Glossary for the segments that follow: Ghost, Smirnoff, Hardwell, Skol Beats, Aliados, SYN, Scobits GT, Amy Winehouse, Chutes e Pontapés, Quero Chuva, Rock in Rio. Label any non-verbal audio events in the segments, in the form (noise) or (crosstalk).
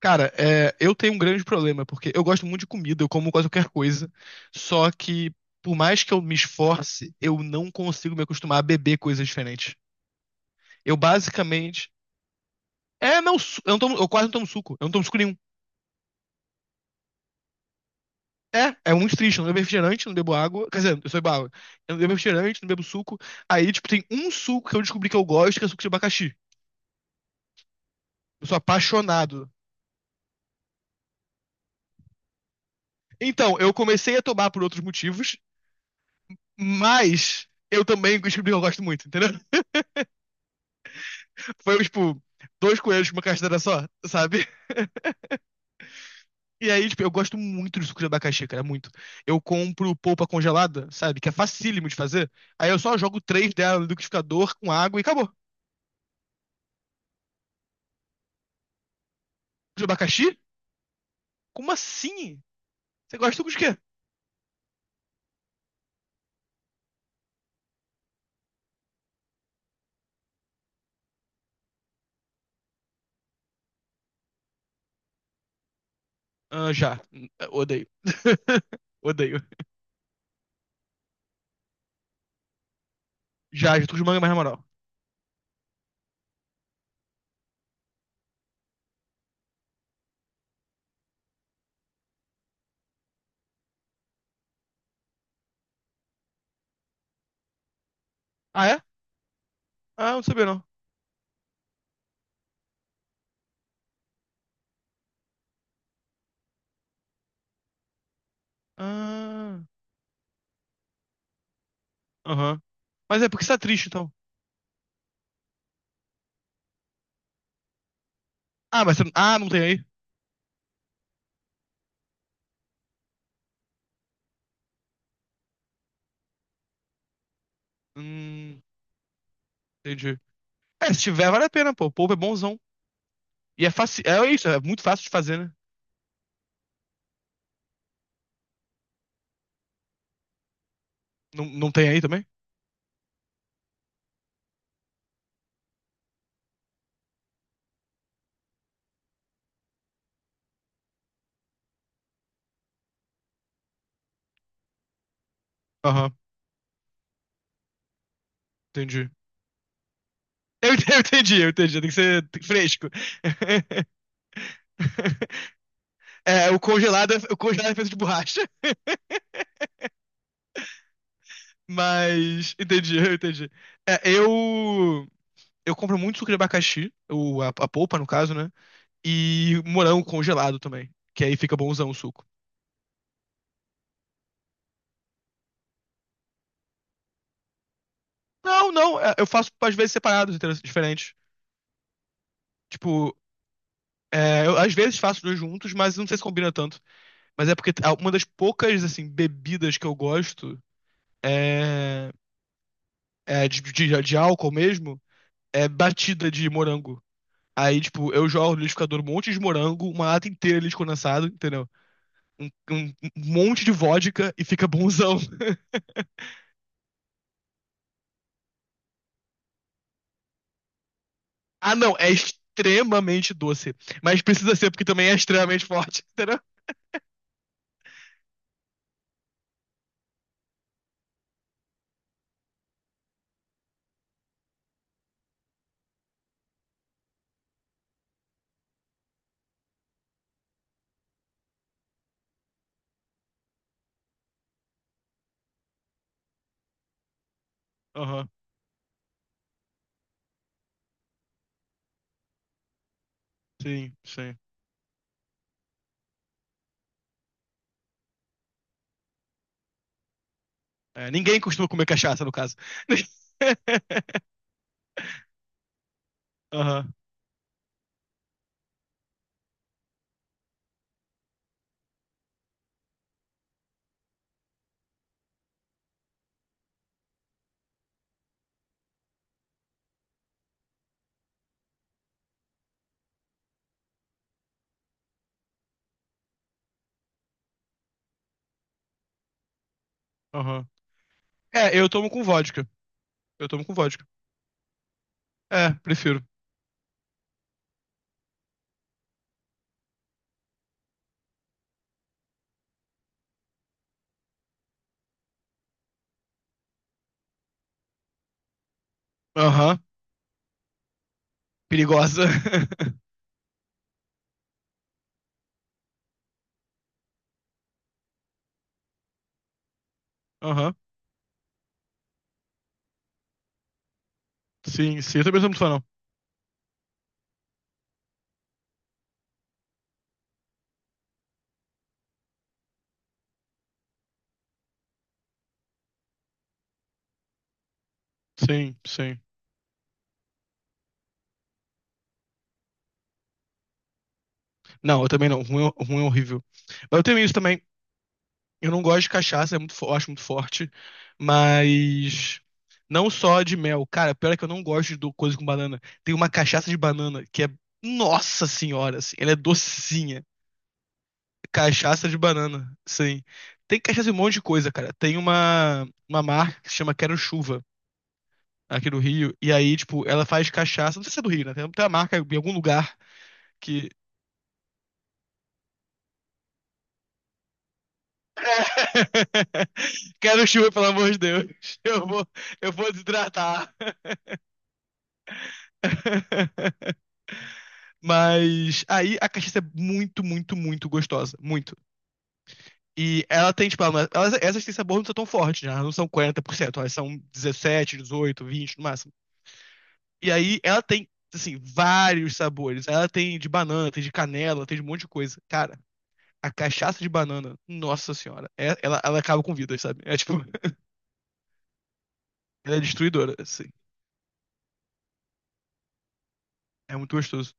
Cara, eu tenho um grande problema, porque eu gosto muito de comida, eu como quase qualquer coisa, só que por mais que eu me esforce, eu não consigo me acostumar a beber coisas diferentes. Eu basicamente. É, não, eu quase não tomo suco, eu não tomo suco nenhum. É muito triste, eu não bebo refrigerante, não bebo água, quer dizer, eu sou água. Eu não bebo refrigerante, não bebo suco. Aí, tipo, tem um suco que eu descobri que eu gosto, que é suco de abacaxi. Eu sou apaixonado. Então, eu comecei a tomar por outros motivos, mas eu também descobri que eu gosto muito, entendeu? Foi, tipo, dois coelhos com uma castanha só, sabe? E aí, tipo, eu gosto muito de suco de abacaxi, cara, muito. Eu compro polpa congelada, sabe? Que é facílimo de fazer. Aí eu só jogo três dela no liquidificador com água e acabou. Suco de abacaxi? Como assim? Você gosta de suco de quê? Ah, já. Odeio. (laughs) Odeio. Já, já, suco de manga é mais na moral. Ah, é? Ah, não sabia, não. Ah, aham. Mas é porque você tá triste, então. Ah, mas você... Ah, não tem aí? Hum, entendi. É, se tiver, vale a pena, pô. Polpa é bonzão. E é fácil. É isso, é muito fácil de fazer, né? Não, não tem aí também? Aham, entendi. (laughs) Eu entendi, eu entendi. Tem que ser fresco. (laughs) É, o congelado, o congelado é feito de borracha. (laughs) Mas. Entendi, eu entendi. É, eu. Eu compro muito suco de abacaxi, a polpa, no caso, né? E morango congelado também. Que aí fica bonzão o suco. Não, não, é, eu faço às vezes separados, entendeu? Diferentes. Tipo, eu às vezes faço dois juntos, mas não sei se combina tanto. Mas é porque uma das poucas, assim, bebidas que eu gosto é, é de álcool mesmo, é batida de morango. Aí, tipo, eu jogo no liquidificador um monte de morango, uma lata inteira de leite condensado, entendeu? Um, um- um monte de vodka e fica bonzão. (laughs) Ah, não, é extremamente doce. Mas precisa ser porque também é extremamente forte, (laughs) entendeu? Aham, sim, sim. É, ninguém costuma comer cachaça, no caso. (laughs) Aham, aham. É, eu tomo com vodka. Eu tomo com vodka. É, prefiro. Aham, perigosa. (laughs) Aham, sim, sim. Eu também não sou muito fã, não. Sim, sim. Não, eu também não. Ruim, ruim é horrível. Mas eu tenho isso também. Eu não gosto de cachaça, é muito, eu acho muito forte. Mas não só de mel. Cara, pior é que eu não gosto de coisa com banana. Tem uma cachaça de banana que é. Nossa senhora, assim, ela é docinha. Cachaça de banana, sim. Tem cachaça de um monte de coisa, cara. Tem uma marca que se chama Quero Chuva. Aqui do Rio. E aí, tipo, ela faz cachaça. Não sei se é do Rio, né? Tem uma marca em algum lugar que. (laughs) Quero chuva, pelo amor de Deus. Eu vou, eu vou desidratar. (laughs) Mas aí a cachaça é muito, muito, muito gostosa. Muito. E ela tem, tipo, essas têm sabor, não são tão fortes, né? Elas não são 40%, elas são 17, 18, 20 no máximo. E aí ela tem, assim, vários sabores. Ela tem de banana, tem de canela, tem de um monte de coisa. Cara, a cachaça de banana, nossa senhora, ela acaba com vidas, sabe? É tipo, (laughs) ela é destruidora, assim. É muito gostoso.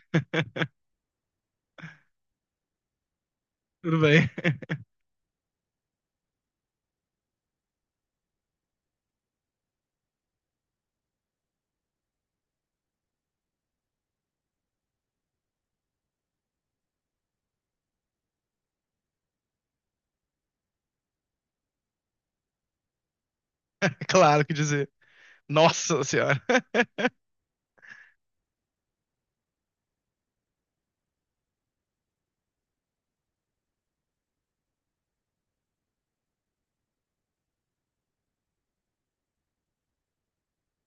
(laughs) Tudo bem. (laughs) Claro que dizer. Nossa senhora. (laughs)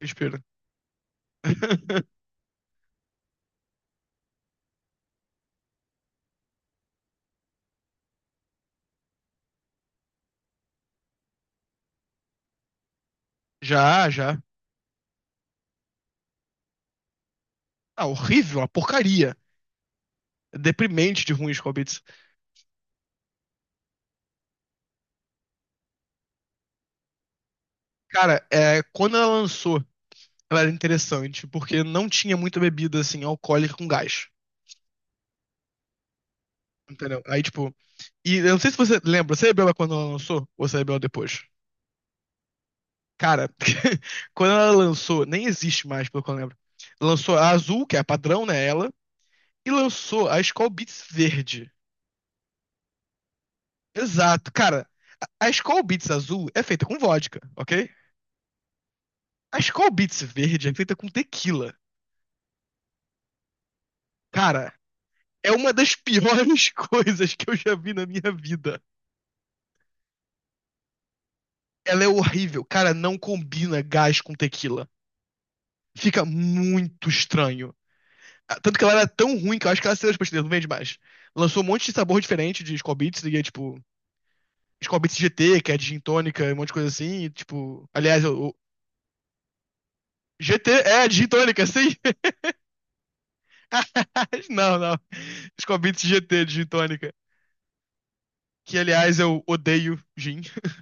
Respira. (laughs) Já, já. Ah, horrível, uma porcaria. Deprimente de ruim Scovitz. Cara, quando ela lançou, ela era interessante, porque não tinha muita bebida, assim, alcoólica com gás. Entendeu? Aí, tipo. E eu não sei se você lembra, você bebeu ela quando ela lançou? Ou você bebeu ela depois? Cara, (laughs) quando ela lançou, nem existe mais, pelo que eu lembro. Lançou a azul, que é a padrão, né? Ela. E lançou a Skol Beats verde. Exato, cara. A Skol Beats azul é feita com vodka, ok? A Skol Beats verde é feita com tequila. Cara, é uma das piores (laughs) coisas que eu já vi na minha vida. Ela é horrível. Cara, não combina gás com tequila. Fica muito estranho. Ah, tanto que ela era tão ruim que eu acho que ela saiu das prateleiras, não vende mais. Lançou um monte de sabor diferente de Skol Beats e é tipo. Scobits GT, que é digintônica, e um monte de coisa assim, e, tipo, aliás, o GT é digintônica, sim? (laughs) Não, não. Scobits GT digintônica, que aliás eu odeio gin, (laughs)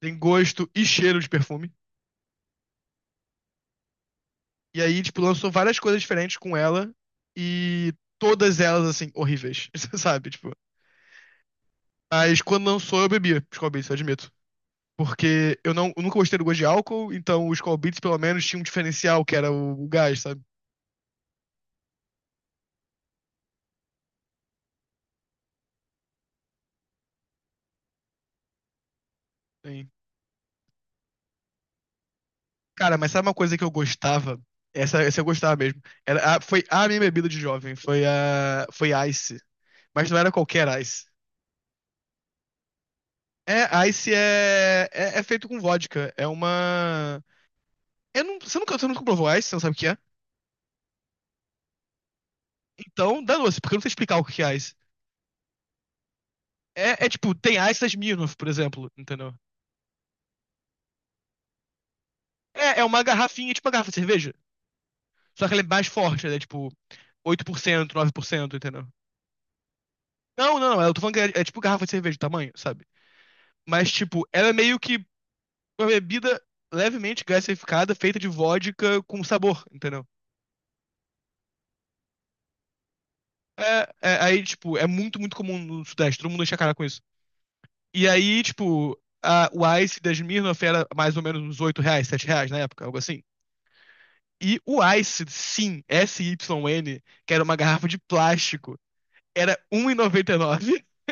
tem gosto e cheiro de perfume. E aí, tipo, lançou várias coisas diferentes com ela e todas elas assim horríveis, (laughs) sabe, tipo. Mas quando lançou eu bebia Scobits, eu admito. Porque eu, não, eu nunca gostei do gosto de álcool, então os Scol pelo menos, tinham um diferencial, que era o gás, sabe? Cara, mas sabe uma coisa que eu gostava? Essa eu gostava mesmo. Foi a minha bebida de jovem, foi Ice. Mas não era qualquer Ice. É, Ice é feito com vodka. É uma. Eu não, você, nunca, Você nunca provou Ice, você não sabe o que é? Então, dá doce, porque eu não sei explicar o que é Ice. É tipo, tem Ice das Smirnoff, por exemplo, entendeu? É uma garrafinha, tipo uma garrafa de cerveja. Só que ela é mais forte, ela é tipo 8%, 9%, entendeu? Não, não, eu tô falando que é tipo garrafa de cerveja, o tamanho, sabe? Mas, tipo, ela é meio que uma bebida levemente gaseificada, feita de vodka com sabor, entendeu? Aí, tipo, é muito, muito comum no Sudeste, todo mundo enche a cara com isso. E aí, tipo, o Ice da Smirnoff era mais ou menos uns R$ 8, R$ 7 na época, algo assim. E o Ice, sim, SYN, que era uma garrafa de plástico, era um e noventa e nove. (laughs)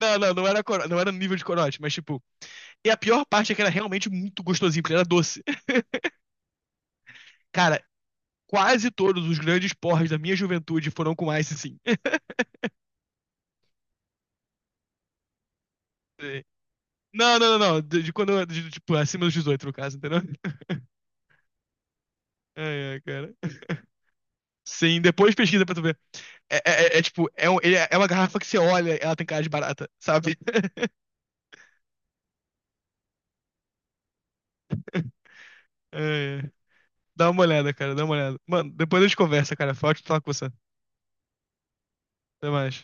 Não, não, não era, não era nível de corote, mas tipo. E a pior parte é que era realmente muito gostosinho, porque era doce. Cara, quase todos os grandes porres da minha juventude foram com Ice, sim. (laughs) Não, não, não, não. De quando eu, tipo, acima dos 18, no caso, entendeu? (laughs) Ai, ai, cara. Sim, depois pesquisa pra tu ver. É é tipo, é uma garrafa que você olha, ela tem cara de barata, sabe? (laughs) Ai, ai. Dá uma olhada, cara, dá uma olhada. Mano, depois a gente conversa, cara. Foi ótimo falar com você. Até mais.